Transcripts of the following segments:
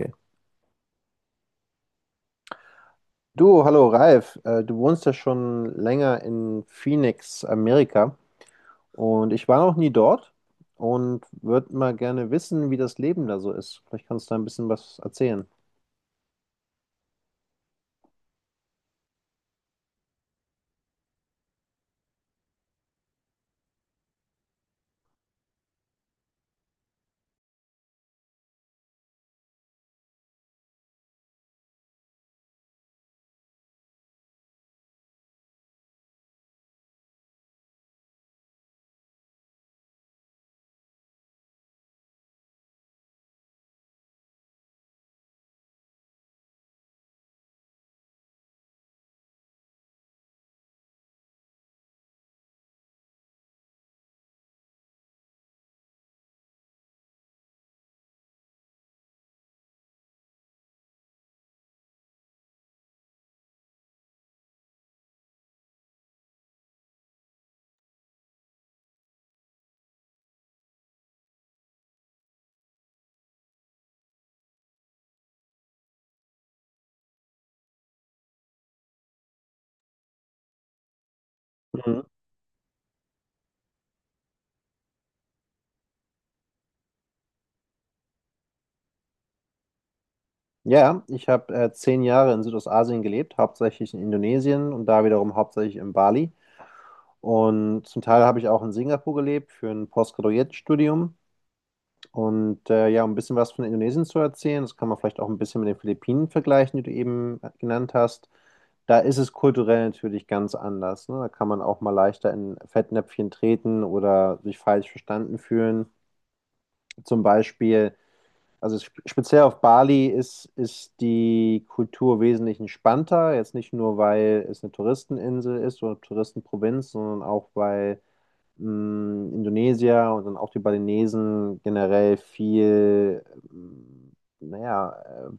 Okay. Du, hallo Ralf, du wohnst ja schon länger in Phoenix, Amerika und ich war noch nie dort und würde mal gerne wissen, wie das Leben da so ist. Vielleicht kannst du da ein bisschen was erzählen. Mhm. Ja, ich habe 10 Jahre in Südostasien gelebt, hauptsächlich in Indonesien und da wiederum hauptsächlich in Bali. Und zum Teil habe ich auch in Singapur gelebt für ein Postgraduiertstudium. Und ja, um ein bisschen was von Indonesien zu erzählen, das kann man vielleicht auch ein bisschen mit den Philippinen vergleichen, die du eben genannt hast. Da ist es kulturell natürlich ganz anders. Ne? Da kann man auch mal leichter in Fettnäpfchen treten oder sich falsch verstanden fühlen. Zum Beispiel, also speziell auf Bali ist die Kultur wesentlich entspannter. Jetzt nicht nur, weil es eine Touristeninsel ist oder Touristenprovinz, sondern auch, weil Indonesier und dann auch die Balinesen generell viel, mh, naja,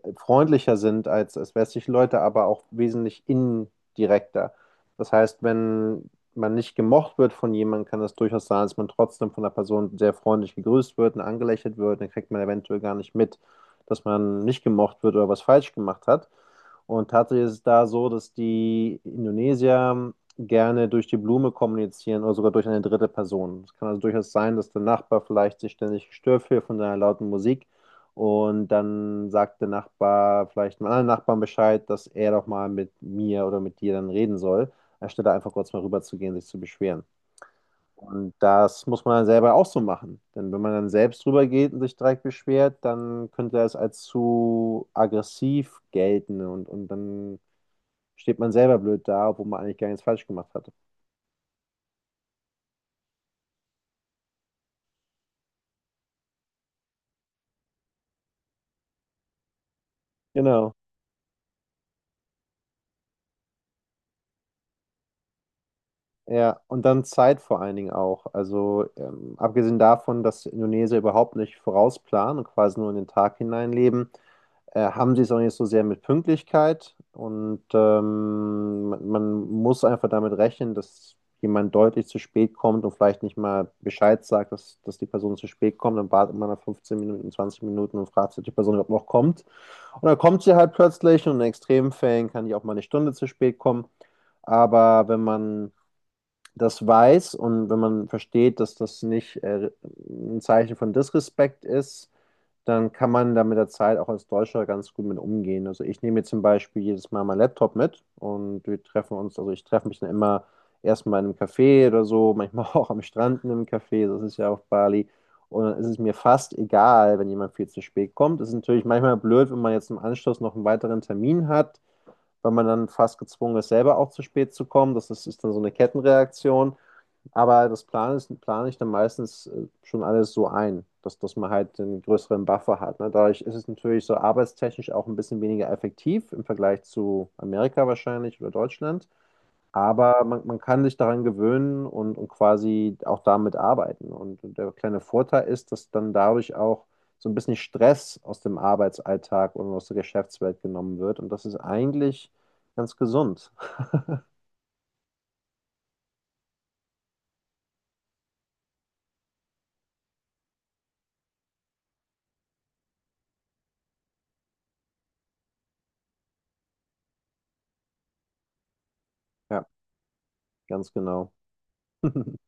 freundlicher sind als westliche Leute, aber auch wesentlich indirekter. Das heißt, wenn man nicht gemocht wird von jemandem, kann es durchaus sein, dass man trotzdem von der Person sehr freundlich gegrüßt wird und angelächelt wird, dann kriegt man eventuell gar nicht mit, dass man nicht gemocht wird oder was falsch gemacht hat. Und tatsächlich ist es da so, dass die Indonesier gerne durch die Blume kommunizieren oder sogar durch eine dritte Person. Es kann also durchaus sein, dass der Nachbar vielleicht sich ständig gestört fühlt von deiner lauten Musik und dann sagt der Nachbar vielleicht einem anderen Nachbarn Bescheid, dass er doch mal mit mir oder mit dir dann reden soll, anstelle einfach kurz mal rüberzugehen, sich zu beschweren. Und das muss man dann selber auch so machen. Denn wenn man dann selbst rübergeht und sich direkt beschwert, dann könnte das als zu aggressiv gelten und dann steht man selber blöd da, obwohl man eigentlich gar nichts falsch gemacht hat. Genau. Ja, und dann Zeit vor allen Dingen auch. Also abgesehen davon, dass Indonesier überhaupt nicht vorausplanen und quasi nur in den Tag hineinleben, haben sie es auch nicht so sehr mit Pünktlichkeit. Und man muss einfach damit rechnen, dass jemand deutlich zu spät kommt und vielleicht nicht mal Bescheid sagt, dass die Person zu spät kommt. Dann wartet man nach 15 Minuten, 20 Minuten und fragt sich, ob die Person überhaupt noch kommt. Und dann kommt sie halt plötzlich und in extremen Fällen kann die auch mal eine Stunde zu spät kommen. Aber wenn man das weiß und wenn man versteht, dass das nicht ein Zeichen von Disrespekt ist, dann kann man da mit der Zeit auch als Deutscher ganz gut mit umgehen. Also ich nehme jetzt zum Beispiel jedes Mal meinen Laptop mit und wir treffen uns, also ich treffe mich dann immer erstmal in einem Café oder so, manchmal auch am Strand in einem Café, das ist ja auf Bali. Und dann ist es mir fast egal, wenn jemand viel zu spät kommt. Es ist natürlich manchmal blöd, wenn man jetzt im Anschluss noch einen weiteren Termin hat, weil man dann fast gezwungen ist, selber auch zu spät zu kommen. Das ist dann so eine Kettenreaktion. Aber das Plan ist, plane ich dann meistens schon alles so ein, dass man halt einen größeren Buffer hat. Ne? Dadurch ist es natürlich so arbeitstechnisch auch ein bisschen weniger effektiv im Vergleich zu Amerika wahrscheinlich oder Deutschland. Aber man kann sich daran gewöhnen und quasi auch damit arbeiten. Und der kleine Vorteil ist, dass dann dadurch auch so ein bisschen Stress aus dem Arbeitsalltag und aus der Geschäftswelt genommen wird. Und das ist eigentlich ganz gesund. Ja, ganz genau.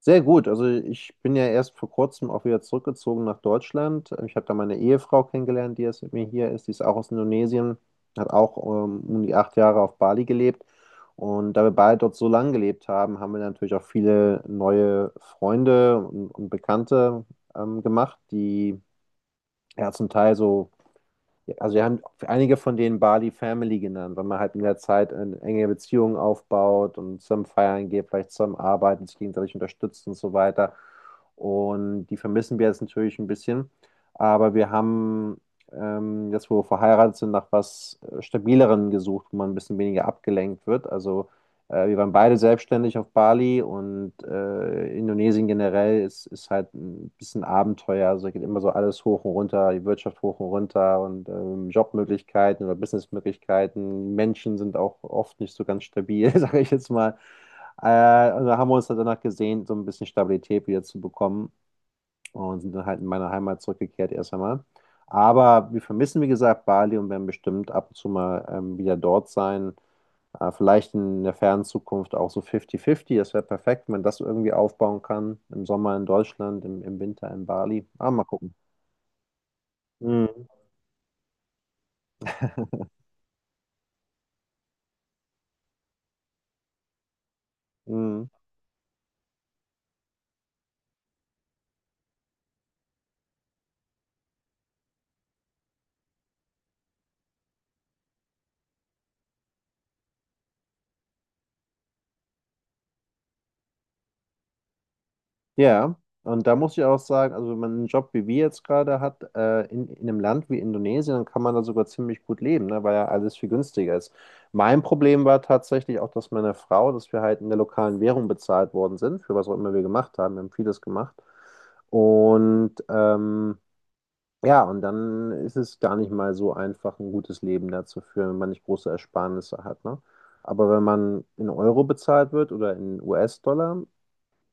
Sehr gut. Also ich bin ja erst vor kurzem auch wieder zurückgezogen nach Deutschland. Ich habe da meine Ehefrau kennengelernt, die jetzt mit mir hier ist. Die ist auch aus Indonesien, hat auch um die 8 Jahre auf Bali gelebt. Und da wir beide dort so lange gelebt haben, haben wir natürlich auch viele neue Freunde und Bekannte gemacht, die ja zum Teil so, ja, also wir haben einige von denen Bali Family genannt, weil man halt in der Zeit eine enge Beziehungen aufbaut und zusammen feiern geht, vielleicht zusammen arbeiten, sich gegenseitig unterstützt und so weiter. Und die vermissen wir jetzt natürlich ein bisschen. Aber wir haben jetzt, wo wir verheiratet sind, nach was Stabilerem gesucht, wo man ein bisschen weniger abgelenkt wird. Also wir waren beide selbstständig auf Bali und Indonesien generell ist halt ein bisschen Abenteuer. Also da geht immer so alles hoch und runter, die Wirtschaft hoch und runter und Jobmöglichkeiten oder Businessmöglichkeiten. Menschen sind auch oft nicht so ganz stabil, sage ich jetzt mal. Also haben wir uns dann danach gesehen, so ein bisschen Stabilität wieder zu bekommen und sind dann halt in meine Heimat zurückgekehrt erst einmal. Aber wir vermissen, wie gesagt, Bali und werden bestimmt ab und zu mal wieder dort sein. Vielleicht in der fernen Zukunft auch so 50-50. Das wäre perfekt, wenn man das irgendwie aufbauen kann. Im Sommer in Deutschland, im, im Winter in Bali. Ah, mal gucken. Mhm. Mhm. Ja, und da muss ich auch sagen, also wenn man einen Job wie wir jetzt gerade hat, in einem Land wie Indonesien, dann kann man da sogar ziemlich gut leben, ne, weil ja alles viel günstiger ist. Mein Problem war tatsächlich auch, dass meine Frau, dass wir halt in der lokalen Währung bezahlt worden sind, für was auch immer wir gemacht haben. Wir haben vieles gemacht. Und ja, und dann ist es gar nicht mal so einfach, ein gutes Leben da zu führen, wenn man nicht große Ersparnisse hat, ne? Aber wenn man in Euro bezahlt wird oder in US-Dollar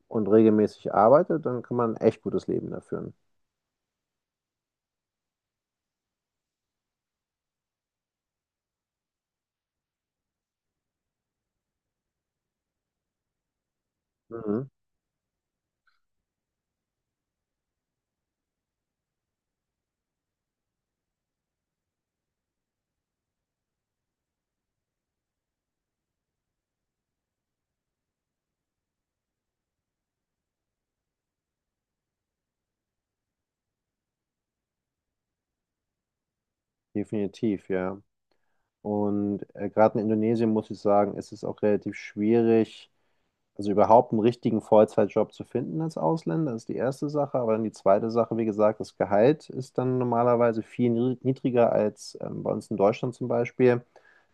und regelmäßig arbeitet, dann kann man ein echt gutes Leben da führen. Mhm. Definitiv, ja. Und gerade in Indonesien muss ich sagen, ist es auch relativ schwierig, also überhaupt einen richtigen Vollzeitjob zu finden als Ausländer, das ist die erste Sache. Aber dann die zweite Sache, wie gesagt, das Gehalt ist dann normalerweise viel niedriger als bei uns in Deutschland zum Beispiel.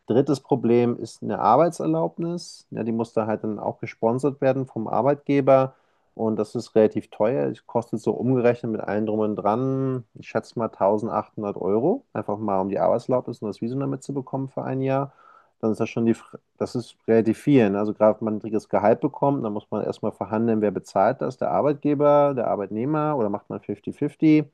Drittes Problem ist eine Arbeitserlaubnis. Ja, die muss da halt dann auch gesponsert werden vom Arbeitgeber. Und das ist relativ teuer. Es kostet so umgerechnet mit allem drum und dran, ich schätze mal 1800 Euro. Einfach mal, um die Arbeitserlaubnis und das Visum damit zu bekommen für ein Jahr. Dann ist das schon die, Fr- das ist relativ viel. Ne? Also gerade wenn man ein niedriges Gehalt bekommt, dann muss man erstmal verhandeln, wer bezahlt das, der Arbeitgeber, der Arbeitnehmer oder macht man 50-50.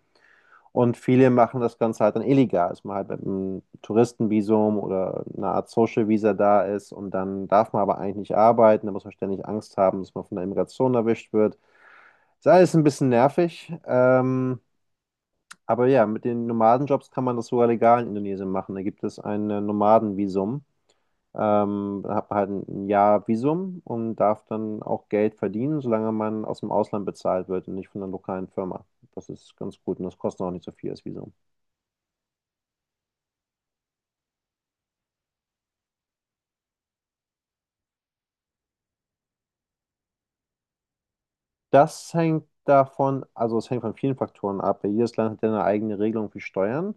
Und viele machen das Ganze halt dann illegal, dass man halt mit einem Touristenvisum oder einer Art Social Visa da ist und dann darf man aber eigentlich nicht arbeiten, da muss man ständig Angst haben, dass man von der Immigration erwischt wird. Ist alles ein bisschen nervig, aber ja, mit den Nomadenjobs kann man das sogar legal in Indonesien machen. Da gibt es ein Nomadenvisum. Da hat man halt ein Jahr Visum und darf dann auch Geld verdienen, solange man aus dem Ausland bezahlt wird und nicht von einer lokalen Firma. Das ist ganz gut und das kostet auch nicht so viel, das Visum. Das hängt davon, also es hängt von vielen Faktoren ab. Ja, jedes Land hat ja eine eigene Regelung für Steuern.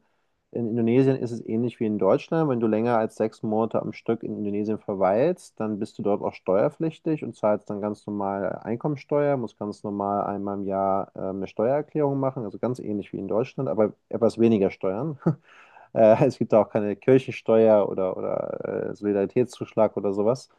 In Indonesien ist es ähnlich wie in Deutschland. Wenn du länger als 6 Monate am Stück in Indonesien verweilst, dann bist du dort auch steuerpflichtig und zahlst dann ganz normal Einkommensteuer, musst ganz normal einmal im Jahr eine Steuererklärung machen, also ganz ähnlich wie in Deutschland, aber etwas weniger Steuern. Es gibt da auch keine Kirchensteuer oder, Solidaritätszuschlag oder sowas.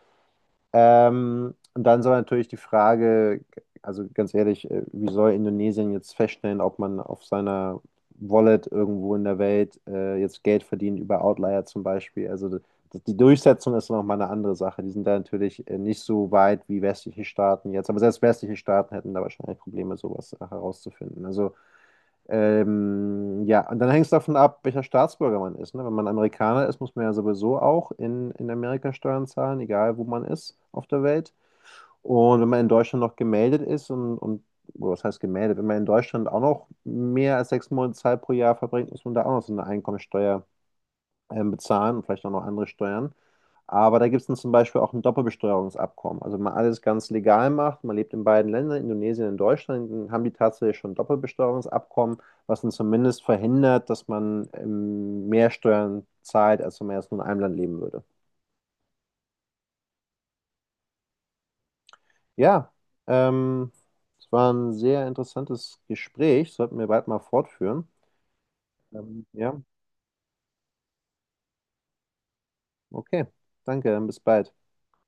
Und dann soll natürlich die Frage, also ganz ehrlich, wie soll Indonesien jetzt feststellen, ob man auf seiner Wallet irgendwo in der Welt jetzt Geld verdient über Outlier zum Beispiel? Also die Durchsetzung ist nochmal eine andere Sache. Die sind da natürlich nicht so weit wie westliche Staaten jetzt. Aber selbst westliche Staaten hätten da wahrscheinlich Probleme, sowas herauszufinden. Also ja, und dann hängt es davon ab, welcher Staatsbürger man ist. Ne? Wenn man Amerikaner ist, muss man ja sowieso auch in Amerika Steuern zahlen, egal wo man ist auf der Welt. Und wenn man in Deutschland noch gemeldet ist und oder was heißt gemeldet, wenn man in Deutschland auch noch mehr als 6 Monate Zeit pro Jahr verbringt, muss man da auch noch so eine Einkommensteuer bezahlen und vielleicht auch noch andere Steuern. Aber da gibt es dann zum Beispiel auch ein Doppelbesteuerungsabkommen. Also wenn man alles ganz legal macht, man lebt in beiden Ländern, Indonesien und Deutschland, dann haben die tatsächlich schon ein Doppelbesteuerungsabkommen, was dann zumindest verhindert, dass man mehr Steuern zahlt, als wenn man jetzt nur in einem Land leben würde. Ja, ähm, es war ein sehr interessantes Gespräch, sollten wir bald mal fortführen. Ja, okay, danke, bis bald.